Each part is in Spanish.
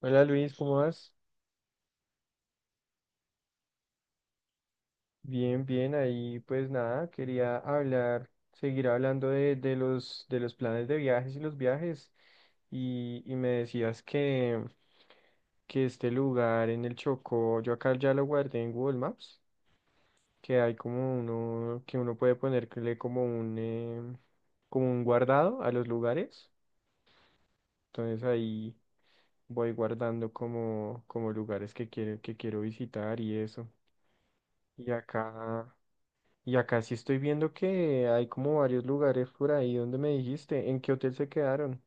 Hola Luis, ¿cómo vas? Bien, bien, ahí pues nada, quería hablar, seguir hablando de los planes de viajes y los viajes. Y me decías que este lugar en el Chocó, yo acá ya lo guardé en Google Maps, que hay como uno, que uno puede ponerle como un guardado a los lugares. Entonces ahí voy guardando como lugares que quiero visitar y eso. Y acá. Y acá sí estoy viendo que hay como varios lugares por ahí donde me dijiste, ¿en qué hotel se quedaron?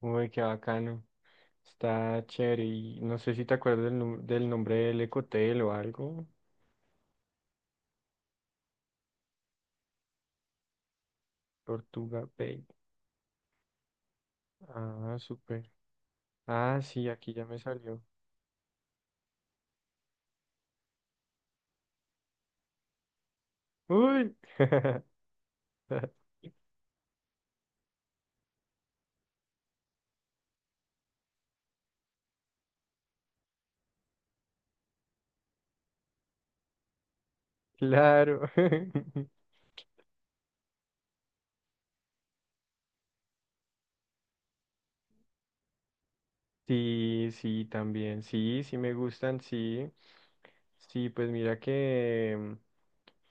Uy, qué bacano. Está chévere. Y no sé si te acuerdas del nombre del ecotel o algo. Tortuga Bay. Ah, súper. Ah, sí, aquí ya me salió. Uy, claro. Sí, sí, también, sí, sí me gustan, sí. Sí, pues mira que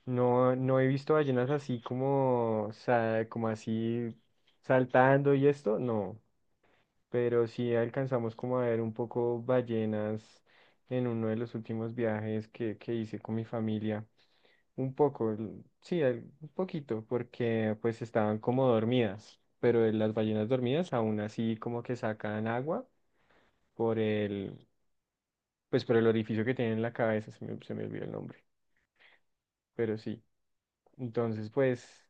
no, no he visto ballenas así como así saltando y esto, no, pero sí alcanzamos como a ver un poco ballenas en uno de los últimos viajes que hice con mi familia. Un poco, sí, un poquito, porque pues estaban como dormidas, pero las ballenas dormidas aún así como que sacan agua por el por el orificio que tiene en la cabeza, se me olvidó el nombre, pero sí. Entonces, pues,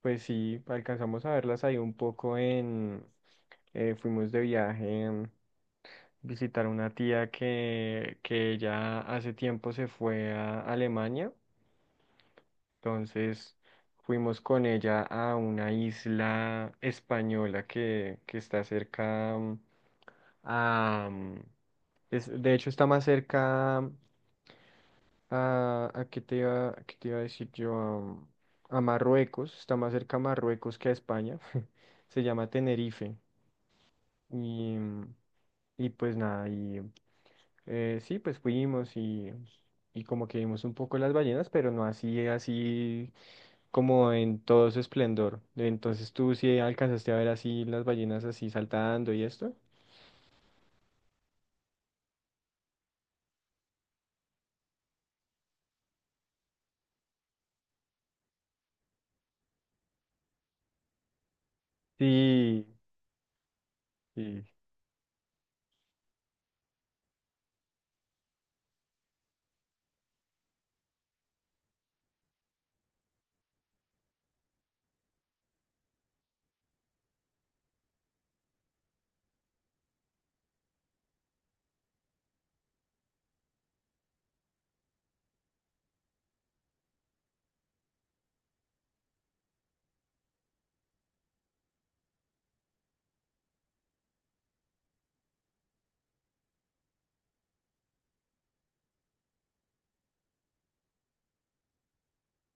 pues sí, alcanzamos a verlas ahí un poco. Fuimos de viaje a visitar una tía que ya hace tiempo se fue a Alemania, entonces fuimos con ella a una isla española que está cerca. Mm, a, mm, es- de hecho está más cerca. ¿A qué te iba, a decir yo? Marruecos, está más cerca a Marruecos que a España. Se llama Tenerife. Y, y pues nada, y sí, pues fuimos y como que vimos un poco las ballenas, pero no así, así como en todo su esplendor. Entonces tú sí alcanzaste a ver así las ballenas así saltando y esto. Sí, sí,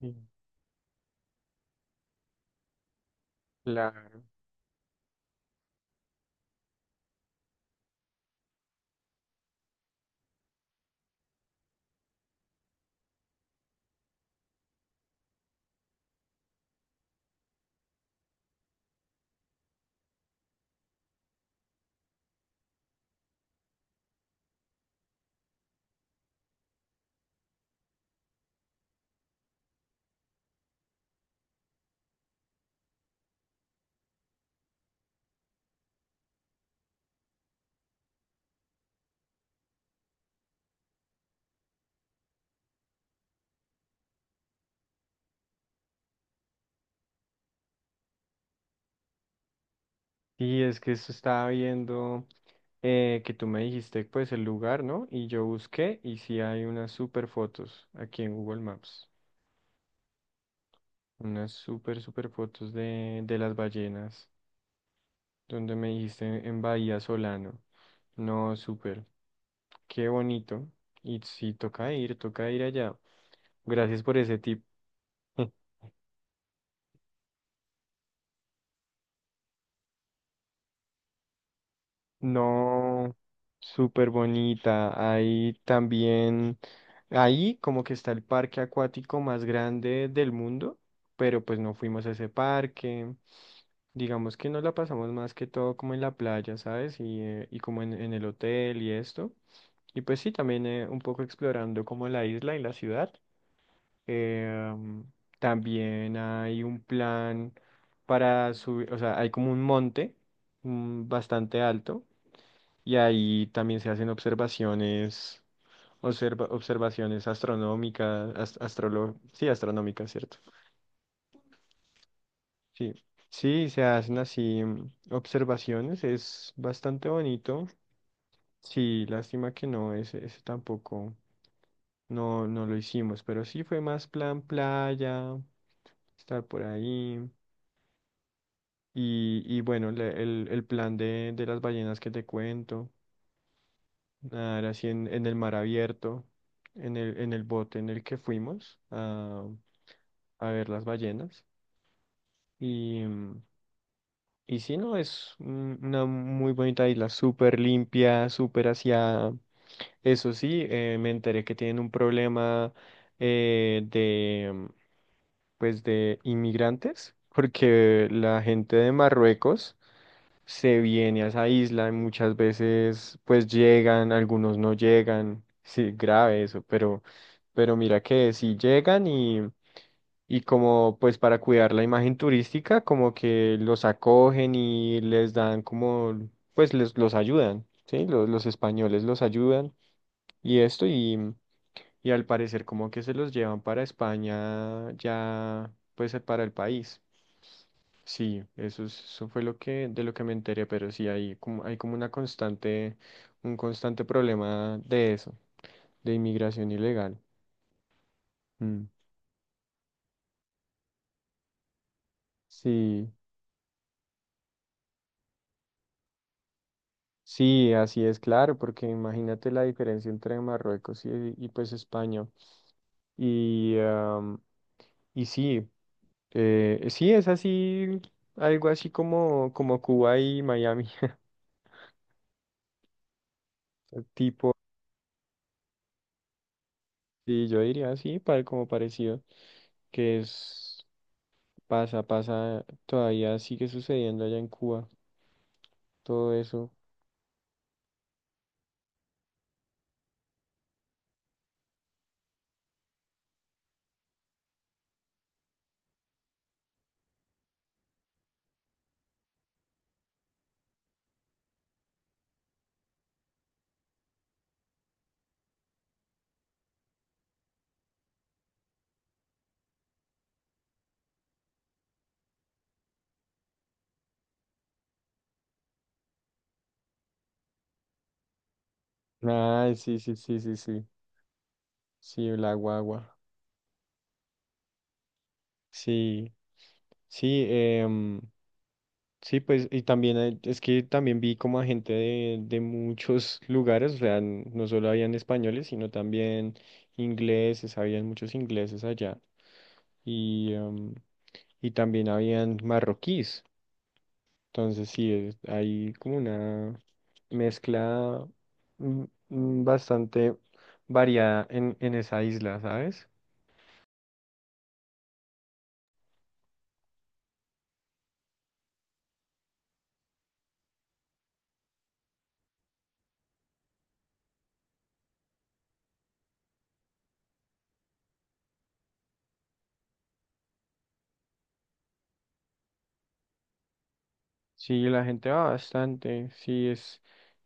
sí, claro. Sí, es que eso estaba viendo, que tú me dijiste pues el lugar, ¿no? Y yo busqué y sí hay unas super fotos aquí en Google Maps. Unas super, super fotos de las ballenas, donde me dijiste en Bahía Solano. No, súper, qué bonito. Y sí, toca ir allá. Gracias por ese tip. No, súper bonita. Ahí también, ahí como que está el parque acuático más grande del mundo, pero pues no fuimos a ese parque. Digamos que nos la pasamos más que todo como en la playa, ¿sabes? Y como en el hotel y esto. Y pues sí, también un poco explorando como la isla y la ciudad. Eh, um, también hay un plan para subir, o sea, hay como un monte bastante alto y ahí también se hacen observaciones astronómicas, sí, astronómicas, ¿cierto? Sí, sí, se hacen así observaciones, es bastante bonito. Sí, lástima que no, ese tampoco, no, no lo hicimos, pero sí fue más plan playa, estar por ahí. Y bueno, el plan de las ballenas que te cuento. Nadar así en el mar abierto, en el bote en el que fuimos a ver las ballenas. Y, mm, y sí, no, es una muy bonita isla, súper limpia, súper aseada. Eso sí, me enteré que tienen un problema eh, de, mm, pues de inmigrantes, porque la gente de Marruecos se viene a esa isla y muchas veces pues llegan, algunos no llegan, sí, grave eso, pero mira que sí llegan y como pues para cuidar la imagen turística, como que los acogen y les dan como, pues les, los ayudan, ¿sí? Los españoles los ayudan y esto y al parecer como que se los llevan para España ya pues para el país. Sí, eso fue lo que, de lo que me enteré, pero sí hay como una constante, un constante problema de eso, de inmigración ilegal. Mm. Sí, sí, así es, claro, porque imagínate la diferencia entre Marruecos y pues España. Y, am, y sí, sí, es así, algo así como Cuba y Miami, tipo, y yo diría así, como parecido, que es. Pasa, pasa, todavía sigue sucediendo allá en Cuba, todo eso. Ay, sí, sí, sí, sí, sí. Sí, la guagua. Sí, sí, sí, pues, y también es que también vi como a gente de muchos lugares, o sea, no solo habían españoles, sino también ingleses, habían muchos ingleses allá. Y, em, y también habían marroquíes. Entonces, sí, hay como una mezcla mm, bastante variada en esa isla, ¿sabes? Sí, la gente va bastante, sí, es,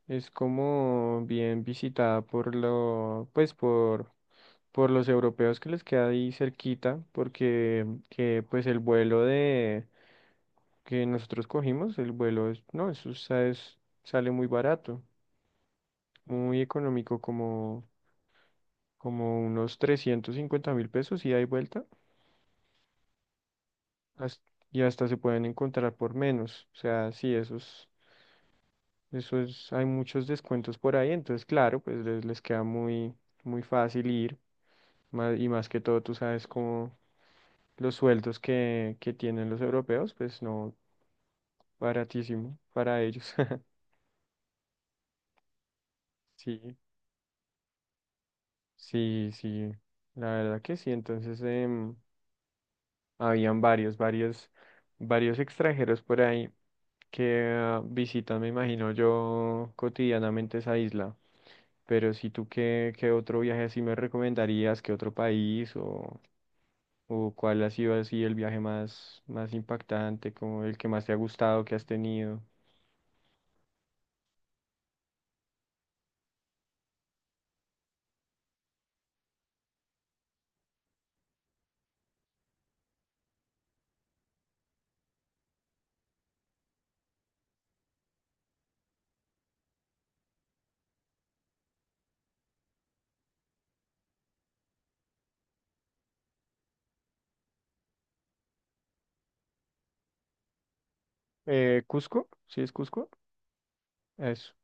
es como bien visitada por lo, pues por los europeos que les queda ahí cerquita, porque pues el vuelo de que nosotros cogimos, el vuelo es, no, eso sale muy barato, muy económico, como unos 350.000 pesos y hay vuelta. has- y hasta se pueden encontrar por menos. O sea, sí, esos, hay muchos descuentos por ahí, entonces claro, pues les queda muy, muy fácil ir. Y más que todo, tú sabes cómo los sueldos que tienen los europeos, pues no, baratísimo para ellos. Sí, sí, sí, la verdad que sí. Entonces, habían varios extranjeros por ahí que visitan, me imagino yo, cotidianamente esa isla. ¿Pero si tú qué, otro viaje así me recomendarías, qué otro país o cuál ha sido así el viaje más impactante, como el que más te ha gustado, que has tenido? ¿Cusco? ¿Sí es Cusco? Eso.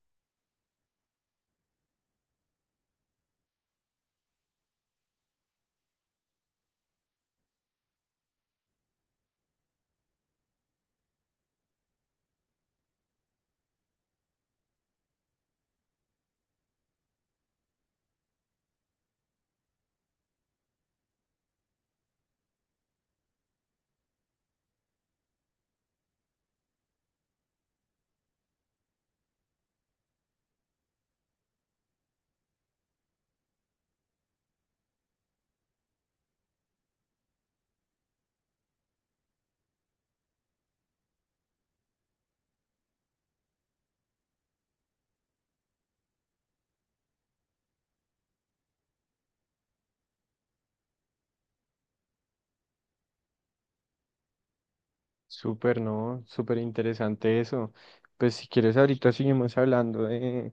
Súper, ¿no? Súper interesante eso. Pues si quieres ahorita seguimos hablando de,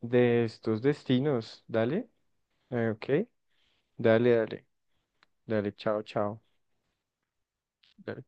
de estos destinos. Dale. Ok. Dale, dale. Dale, chao, chao. Dale.